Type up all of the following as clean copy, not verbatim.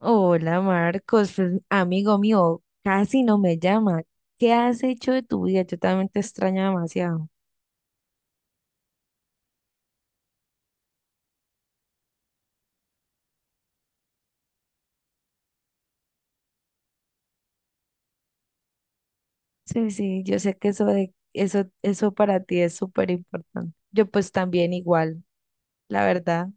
Hola Marcos, pues, amigo mío, casi no me llama. ¿Qué has hecho de tu vida? Yo también te extraño demasiado. Sí, sí, yo sé que eso para ti es súper importante. Yo pues también igual, la verdad.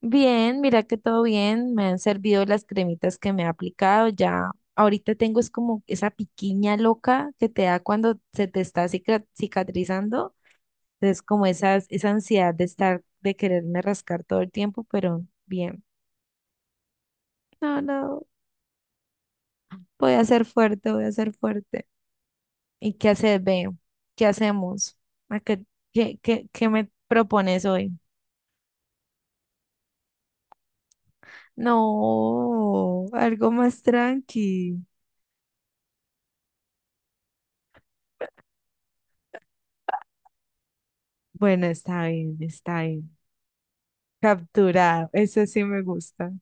Bien, mira que todo bien, me han servido las cremitas que me he aplicado, ya ahorita tengo es como esa piquiña loca que te da cuando se te está cicatrizando, entonces esa ansiedad de estar, de quererme rascar todo el tiempo, pero bien. No, no, voy a ser fuerte, voy a ser fuerte. ¿Y qué haces, ve? ¿Qué hacemos? ¿A qué, qué, qué, qué me propones hoy? No, algo más tranqui. Bueno, está bien, está bien. Capturado, eso sí me gusta.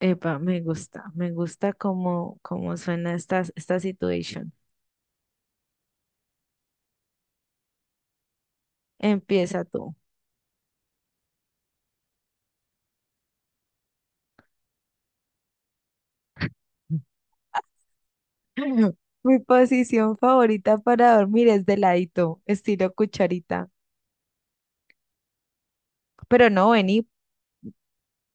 Epa, me gusta, me gusta cómo suena esta situación. Empieza tú. Mi posición favorita para dormir es de ladito, estilo cucharita. Pero no, vení.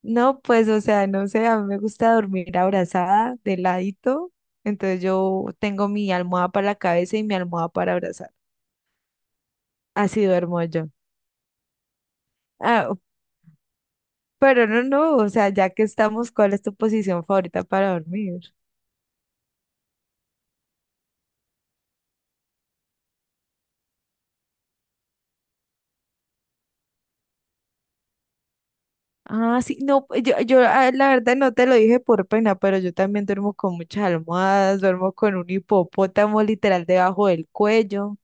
No, pues, o sea, no sé, a mí me gusta dormir abrazada, de ladito. Entonces yo tengo mi almohada para la cabeza y mi almohada para abrazar. Así duermo yo. Ah, pero no, no, o sea, ya que estamos, ¿cuál es tu posición favorita para dormir? Ah, sí, no, pues, la verdad no te lo dije por pena, pero yo también duermo con muchas almohadas, duermo con un hipopótamo literal debajo del cuello.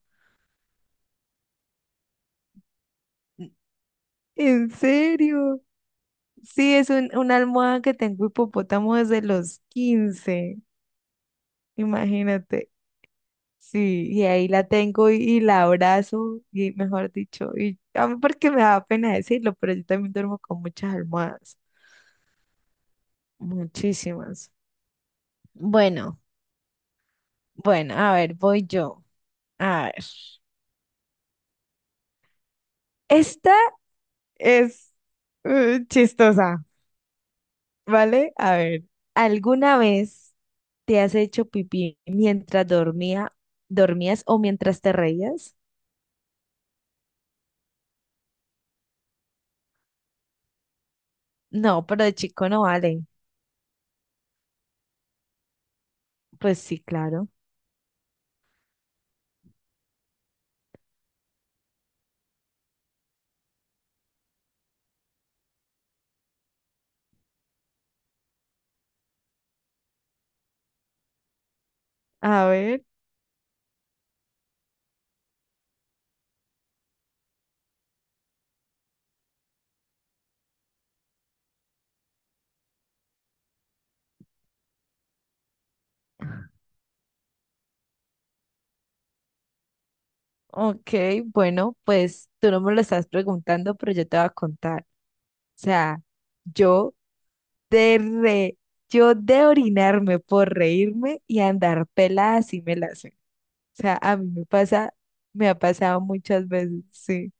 ¿En serio? Sí, es una almohada que tengo hipopótamo desde los 15. Imagínate, sí, y ahí la tengo y la abrazo, y mejor dicho, y a mí porque me da pena decirlo, pero yo también duermo con muchas almohadas, muchísimas. Bueno, bueno, a ver, voy yo. A ver. Esta es chistosa, ¿vale? A ver, ¿alguna vez te has hecho pipí mientras dormías o mientras te reías? No, pero de chico no vale. Pues sí, claro. A ver. Ok, bueno, pues tú no me lo estás preguntando, pero yo te voy a contar. O sea, yo de re, yo de orinarme por reírme y andar pelada así me la sé. O sea, a mí me pasa, me ha pasado muchas veces, sí,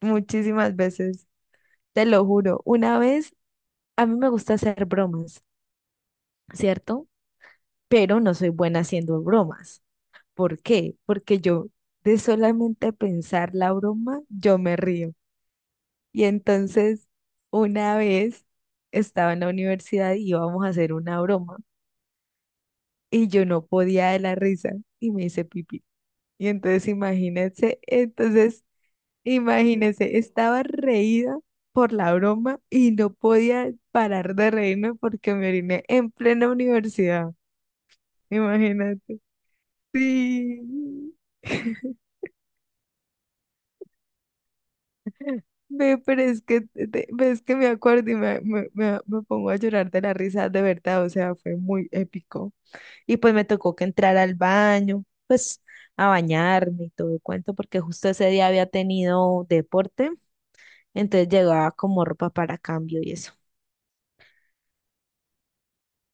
muchísimas veces, te lo juro. Una vez, a mí me gusta hacer bromas, ¿cierto? Pero no soy buena haciendo bromas. ¿Por qué? Porque yo de solamente pensar la broma, yo me río. Y entonces, una vez estaba en la universidad y íbamos a hacer una broma y yo no podía de la risa y me hice pipí. Y entonces, imagínense, estaba reída por la broma y no podía parar de reírme porque me oriné en plena universidad. Imagínate. Sí. Ve, pero es que, ves que me acuerdo y me pongo a llorar de la risa de verdad, o sea, fue muy épico. Y pues me tocó que entrar al baño, pues a bañarme y todo el cuento, porque justo ese día había tenido deporte, entonces llegaba como ropa para cambio y eso.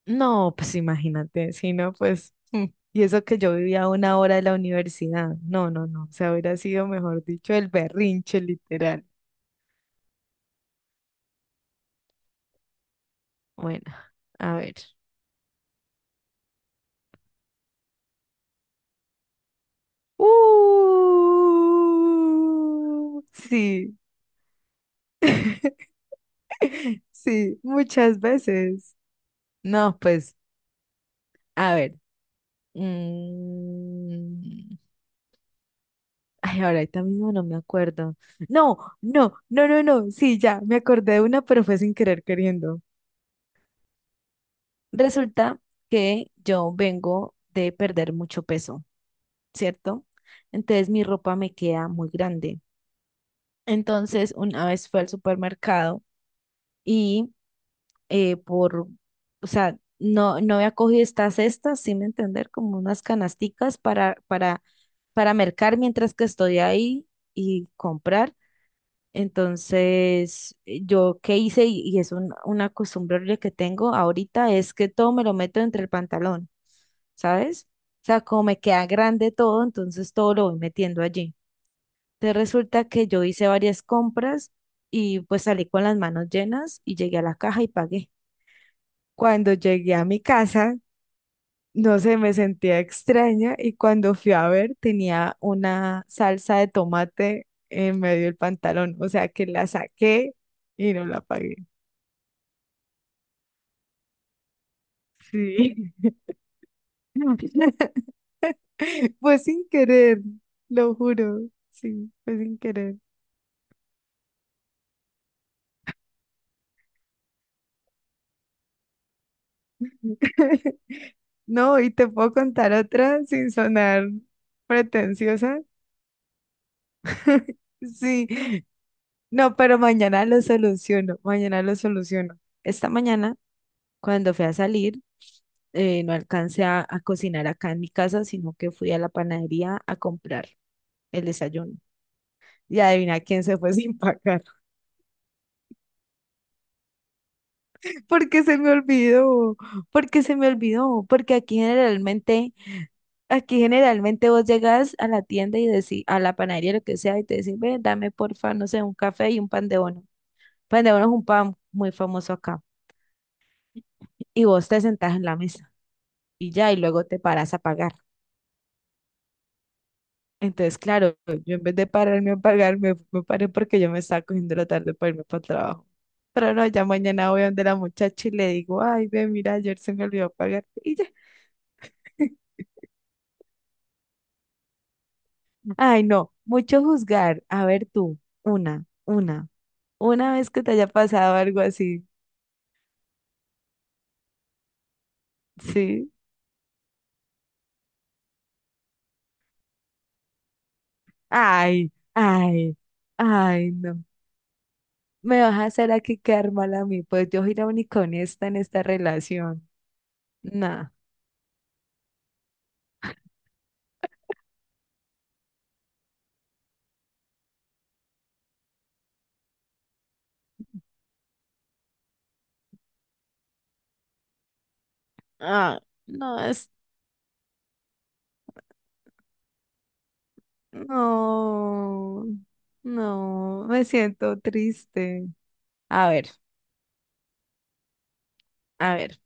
No, pues imagínate, si no, pues, y eso que yo vivía a una hora de la universidad. No, no, no, o sea, hubiera sido, mejor dicho, el berrinche, literal. Bueno, a ver. Sí, sí, muchas veces. No, pues, a ver. Mm, Ay, ahorita mismo no me acuerdo. No, no, no, no, no. Sí, ya, me acordé de una, pero fue sin querer queriendo. Resulta que yo vengo de perder mucho peso, ¿cierto? Entonces mi ropa me queda muy grande. Entonces, una vez fue al supermercado y eh, por, o sea, no había cogido estas cestas, sin entender, como unas canasticas para mercar mientras que estoy ahí y comprar. Entonces, yo qué hice, y es una costumbre horrible que tengo ahorita, es que todo me lo meto entre el pantalón, ¿sabes? O sea, como me queda grande todo, entonces todo lo voy metiendo allí. Entonces resulta que yo hice varias compras y pues salí con las manos llenas y llegué a la caja y pagué. Cuando llegué a mi casa, no sé, me sentía extraña y cuando fui a ver tenía una salsa de tomate en medio del pantalón, o sea que la saqué y no la pagué. Sí. Fue sin querer, lo juro. Sí, fue sin querer. No, y te puedo contar otra sin sonar pretenciosa. Sí, no, pero mañana lo soluciono, mañana lo soluciono. Esta mañana cuando fui a salir, no alcancé a cocinar acá en mi casa, sino que fui a la panadería a comprar el desayuno. Y adivina quién se fue sin pagar. Porque se me olvidó, porque se me olvidó, porque aquí generalmente vos llegas a la tienda y decís, a la panadería, lo que sea, y te decís, ve, dame porfa, no sé, un café y un pan de bono. Pan de bono es un pan muy famoso acá. Y vos te sentás en la mesa y ya, y luego te paras a pagar. Entonces, claro, yo en vez de pararme a pagar, me paré porque yo me estaba cogiendo la tarde para irme para el trabajo. Pero no, ya mañana voy donde la muchacha y le digo, ay, ve, mira, ayer se me olvidó pagar. Y ya. Ay, no, mucho juzgar. A ver tú, una, una, una vez que te haya pasado algo así, ¿sí? Ay, ay, ay, no. Me vas a hacer aquí quedar mal a mí, pues yo soy la única honesta en esta relación. No, ah, no, no, no, me siento triste. A ver, a ver,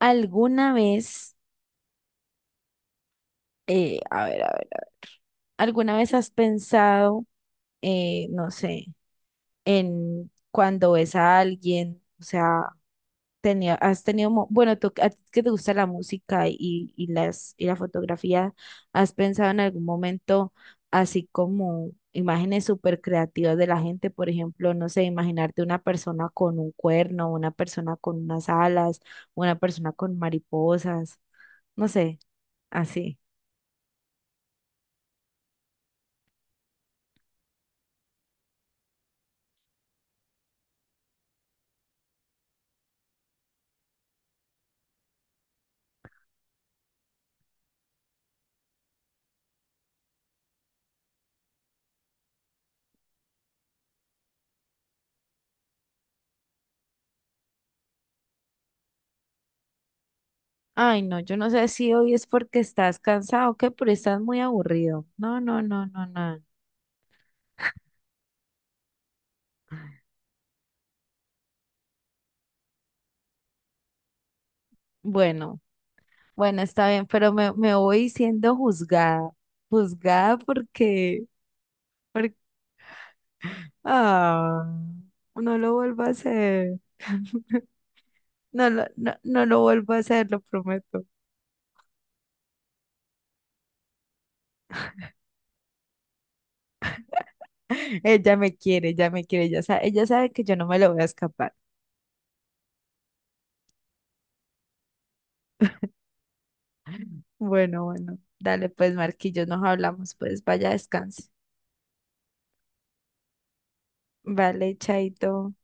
¿alguna vez, a ver, a ver, a ver, ¿alguna vez has pensado, no sé, en cuando ves a alguien, o sea, tenía, has tenido, mo- bueno, tú, a ti que te gusta la música y y la fotografía, ¿has pensado en algún momento así como imágenes súper creativas de la gente? Por ejemplo, no sé, imaginarte una persona con un cuerno, una persona con unas alas, una persona con mariposas, no sé, así. Ay, no, yo no sé si hoy es porque estás cansado o qué, pero estás muy aburrido. No, no, no, no, no. Bueno. Bueno, está bien, pero me voy siendo juzgada. Juzgada porque, ah, no lo vuelvo a hacer. No lo vuelvo a hacer, lo prometo. Ella me quiere, ella me quiere, ella sabe que yo no me lo voy a escapar. Bueno, bueno, dale pues, Marquillo, nos hablamos, pues, vaya, descanse. Vale, chaito.